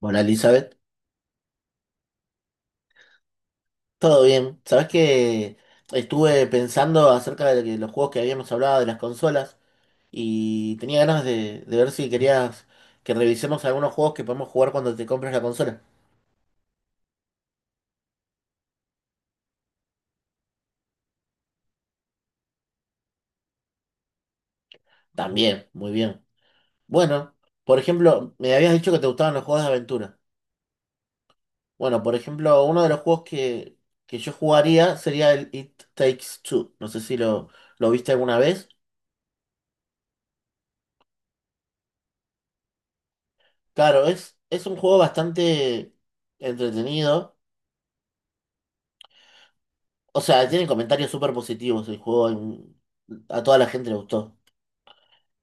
Hola Elizabeth, todo bien. Sabes que estuve pensando acerca de que los juegos que habíamos hablado, de las consolas, y tenía ganas de ver si querías que revisemos algunos juegos que podemos jugar cuando te compres la consola. También, muy bien. Bueno, por ejemplo, me habías dicho que te gustaban los juegos de aventura. Bueno, por ejemplo, uno de los juegos que yo jugaría sería el It Takes Two. No sé si lo viste alguna vez. Claro, es un juego bastante entretenido. O sea, tiene comentarios súper positivos el juego. A toda la gente le gustó.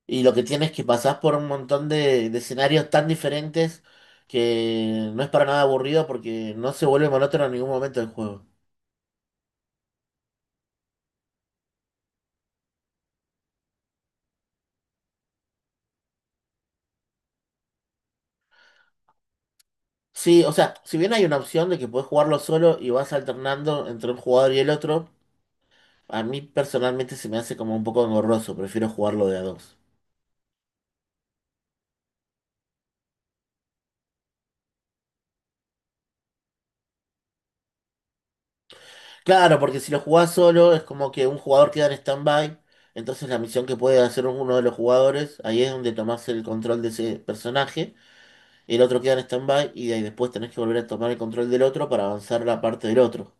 Y lo que tiene es que pasás por un montón de escenarios tan diferentes que no es para nada aburrido porque no se vuelve monótono en ningún momento del juego. Sí, o sea, si bien hay una opción de que puedes jugarlo solo y vas alternando entre un jugador y el otro, a mí personalmente se me hace como un poco engorroso. Prefiero jugarlo de a dos. Claro, porque si lo jugás solo es como que un jugador queda en stand-by, entonces la misión que puede hacer uno de los jugadores, ahí es donde tomás el control de ese personaje, el otro queda en stand-by y de ahí después tenés que volver a tomar el control del otro para avanzar la parte del otro.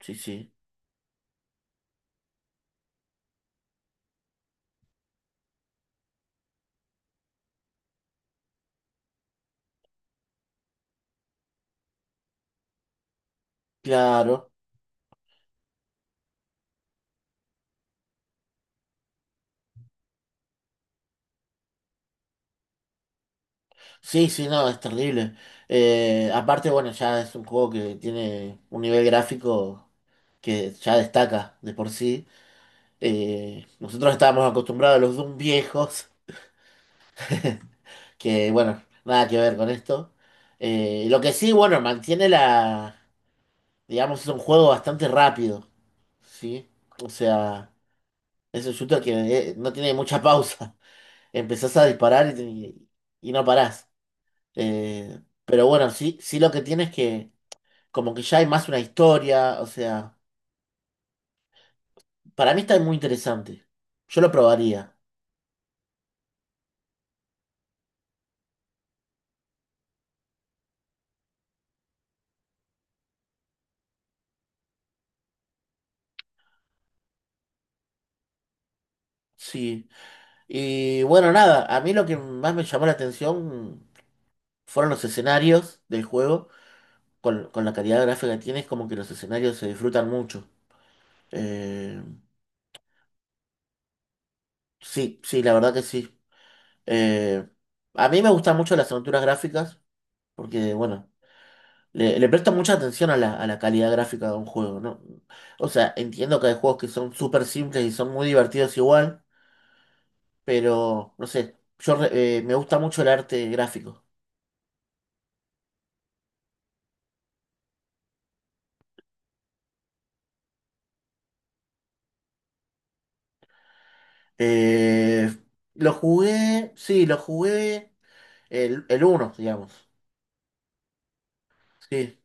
Sí, sí, claro. Sí, sí, no, es terrible. Aparte, bueno, ya es un juego que tiene un nivel gráfico que ya destaca de por sí. Nosotros estábamos acostumbrados a los Doom viejos. Que bueno, nada que ver con esto. Lo que sí, bueno, mantiene la, digamos, es un juego bastante rápido, ¿sí? O sea, es un shooter que no tiene mucha pausa. Empezás a disparar y, y no parás. Pero bueno, sí, sí, lo que tiene es que como que ya hay más una historia, o sea, para mí está muy interesante. Yo lo probaría, sí. Y bueno, nada, a mí lo que más me llamó la atención fueron los escenarios del juego. Con la calidad gráfica que tiene, es como que los escenarios se disfrutan mucho. Eh, sí, sí, la verdad que sí. Eh, a mí me gustan mucho las aventuras gráficas porque, bueno, le presto mucha atención a a la calidad gráfica de un juego, ¿no? O sea, entiendo que hay juegos que son súper simples y son muy divertidos igual, pero, no sé, me gusta mucho el arte gráfico. Eh, lo jugué, sí, lo jugué el uno, digamos. Sí.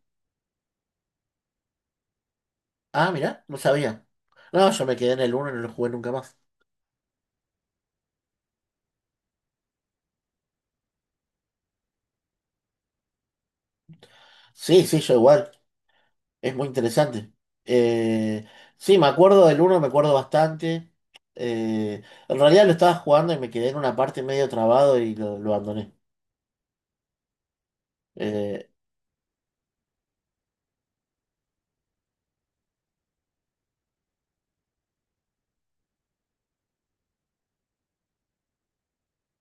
Ah, mira, no sabía. No, yo me quedé en el uno y no lo jugué nunca más. Sí, sí, yo igual. Es muy interesante. Eh, sí, me acuerdo del uno, me acuerdo bastante. Eh, en realidad lo estaba jugando y me quedé en una parte medio trabado y lo abandoné. Eh,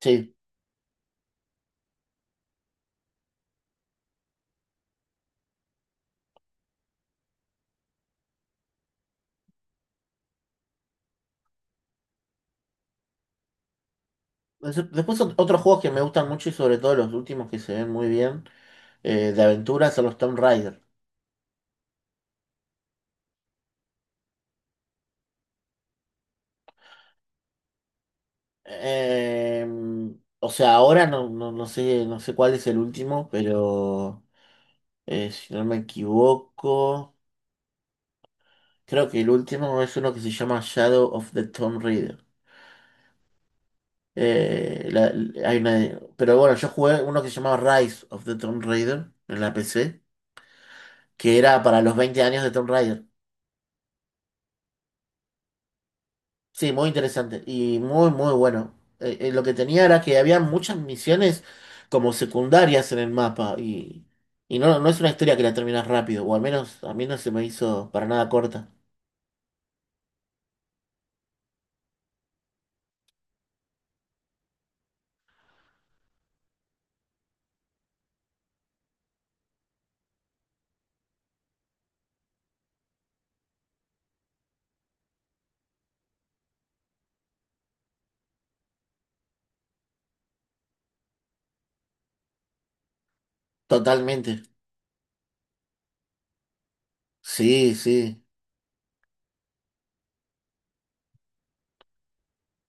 sí. Después otros juegos que me gustan mucho y sobre todo los últimos que se ven muy bien de aventuras son los Tomb Raider. Eh, o sea, ahora no sé, no sé cuál es el último, pero... Si no me equivoco, creo que el último es uno que se llama Shadow of the Tomb Raider. Pero bueno, yo jugué uno que se llamaba Rise of the Tomb Raider en la PC, que era para los 20 años de Tomb Raider. Sí, muy interesante y muy, muy bueno. Lo que tenía era que había muchas misiones como secundarias en el mapa y no, no es una historia que la terminas rápido, o al menos a mí no se me hizo para nada corta. Totalmente. Sí, sí.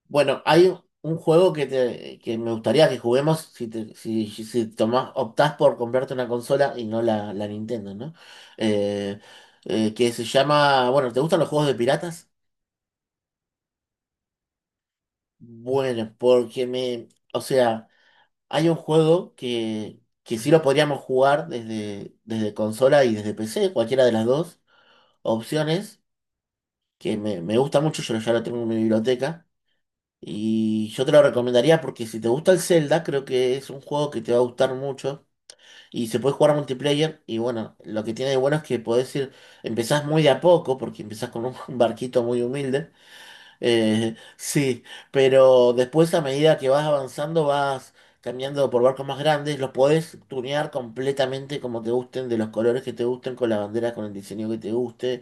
Bueno, hay un juego que, te, que me gustaría que juguemos si, si tomás- optás por comprarte una consola y no la Nintendo, ¿no? Eh, que se llama, bueno, ¿te gustan los juegos de piratas? Bueno, porque me, o sea, hay un juego que sí lo podríamos jugar desde consola y desde PC, cualquiera de las dos opciones, me gusta mucho, yo ya lo tengo en mi biblioteca. Y yo te lo recomendaría porque si te gusta el Zelda, creo que es un juego que te va a gustar mucho. Y se puede jugar multiplayer. Y bueno, lo que tiene de bueno es que podés ir, empezás muy de a poco, porque empezás con un barquito muy humilde. Sí, pero después a medida que vas avanzando vas cambiando por barcos más grandes, los podés tunear completamente como te gusten, de los colores que te gusten, con la bandera, con el diseño que te guste.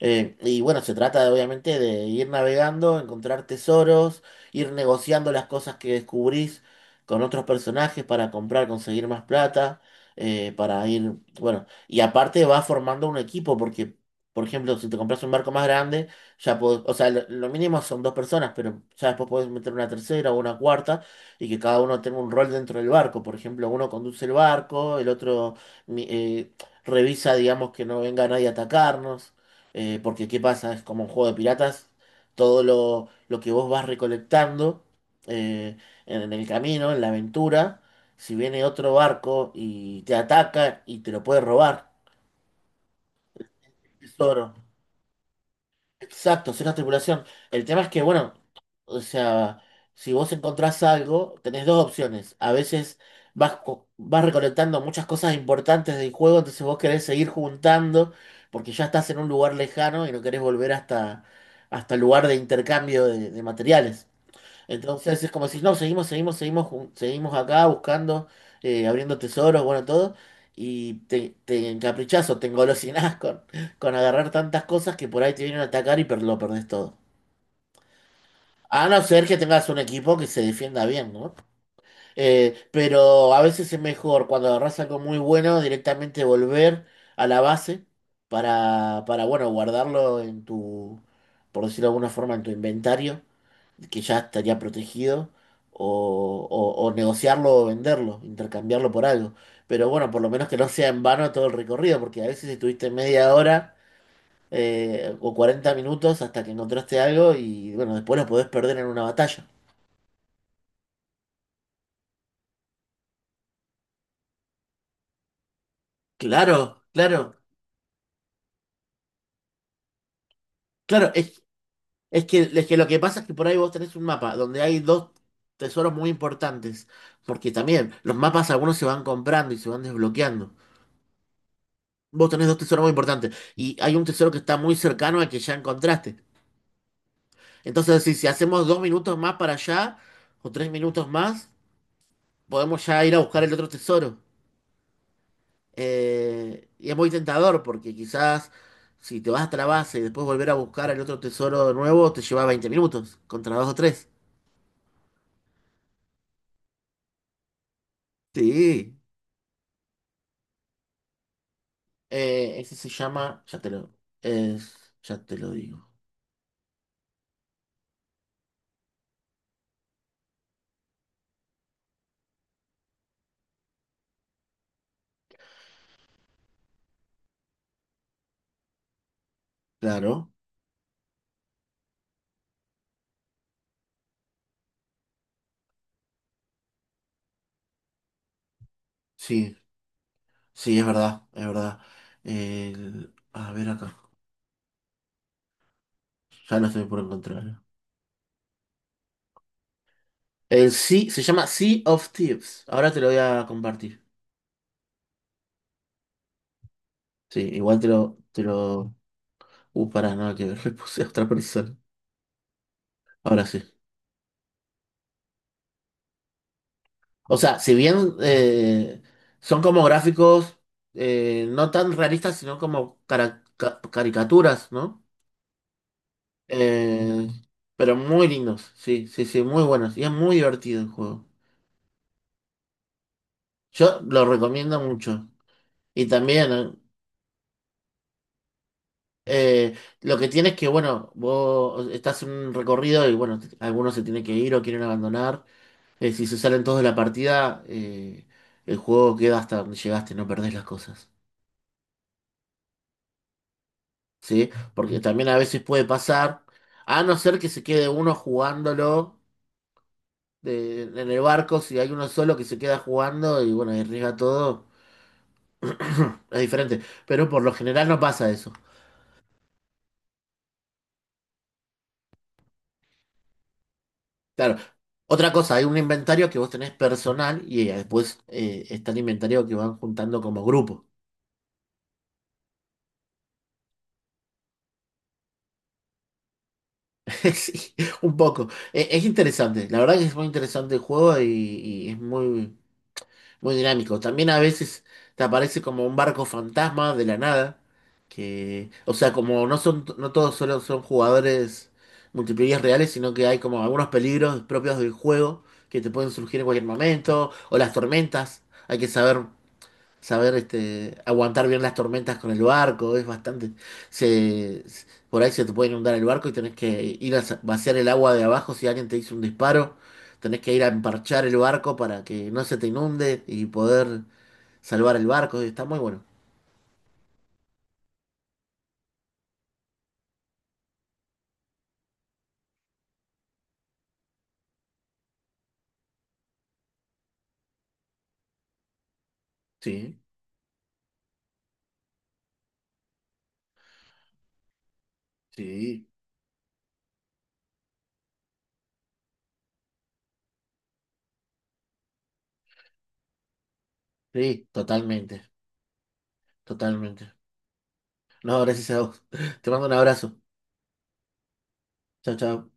Y bueno, se trata de, obviamente, de ir navegando, encontrar tesoros, ir negociando las cosas que descubrís con otros personajes para comprar, conseguir más plata, eh, para ir, bueno, y aparte vas formando un equipo porque, por ejemplo, si te compras un barco más grande, o sea, lo mínimo son dos personas, pero ya después podés meter una tercera o una cuarta y que cada uno tenga un rol dentro del barco. Por ejemplo, uno conduce el barco, el otro mi- eh, revisa, digamos, que no venga nadie a atacarnos. Eh, porque, ¿qué pasa? Es como un juego de piratas. Todo lo que vos vas recolectando eh, en el camino, en la aventura, si viene otro barco y te ataca y te lo puede robar, tesoro. Exacto, es una tripulación. El tema es que, bueno, o sea, si vos encontrás algo, tenés dos opciones. A veces vas recolectando muchas cosas importantes del juego, entonces vos querés seguir juntando, porque ya estás en un lugar lejano y no querés volver hasta, hasta el lugar de intercambio de materiales. Entonces es como si no, seguimos, seguimos, seguimos, seguimos acá buscando, abriendo tesoros, bueno, todo. Y te encaprichás o te engolosinás con agarrar tantas cosas que por ahí te vienen a atacar y lo perdés todo. A no ser que tengas un equipo que se defienda bien, ¿no? Pero a veces es mejor cuando agarrás algo muy bueno, directamente volver a la base para, bueno, guardarlo en tu, por decirlo de alguna forma, en tu inventario, que ya estaría protegido, o negociarlo o venderlo, intercambiarlo por algo. Pero bueno, por lo menos que no sea en vano todo el recorrido, porque a veces estuviste media hora o 40 minutos hasta que encontraste algo y bueno, después lo podés perder en una batalla. Claro, claro, claro. Es que lo que pasa es que por ahí vos tenés un mapa donde hay dos tesoros muy importantes, porque también los mapas algunos se van comprando y se van desbloqueando. Vos tenés dos tesoros muy importantes y hay un tesoro que está muy cercano al que ya encontraste. Entonces, si hacemos dos minutos más para allá o tres minutos más, podemos ya ir a buscar el otro tesoro. Y es muy tentador porque quizás si te vas hasta la base y después volver a buscar el otro tesoro de nuevo, te lleva 20 minutos contra dos o tres. Sí, ese se llama, es- ya te lo digo. Claro, sí, sí, es verdad, es verdad. El- a ver acá. Ya lo estoy por encontrar. El sí, se llama Sea of Thieves. Ahora te lo voy a compartir. Sí, igual te lo, te lo. Pará, nada que ver, le puse a otra persona. Ahora sí. O sea, si bien son como gráficos no tan realistas, sino como caricaturas, ¿no? Eh, pero muy lindos, sí, sí, sí, muy buenos. Y es muy divertido el juego. Yo lo recomiendo mucho. Y también, lo que tienes que, bueno, vos estás en un recorrido y bueno, algunos se tienen que ir o quieren abandonar. Si se salen todos de la partida, el juego queda hasta donde llegaste, no perdés las cosas. ¿Sí? Porque también a veces puede pasar, a no ser que se quede uno jugándolo en el barco, si hay uno solo que se queda jugando y bueno, arriesga todo, es diferente. Pero por lo general no pasa eso. Claro. Otra cosa, hay un inventario que vos tenés personal y después está el inventario que van juntando como grupo. Sí, un poco. Interesante, la verdad que es muy interesante el juego y es muy, muy dinámico. También a veces te aparece como un barco fantasma de la nada, que, o sea, como no son, no todos solo son jugadores multiplayer reales, sino que hay como algunos peligros propios del juego que te pueden surgir en cualquier momento, o las tormentas, hay que saber. Saber, este, aguantar bien las tormentas con el barco, es bastante. Por ahí se te puede inundar el barco y tenés que ir a vaciar el agua de abajo si alguien te hizo un disparo. Tenés que ir a emparchar el barco para que no se te inunde y poder salvar el barco. Está muy bueno. Sí, sí, sí, totalmente, totalmente. No, gracias a vos. Te mando un abrazo. Chao, chao.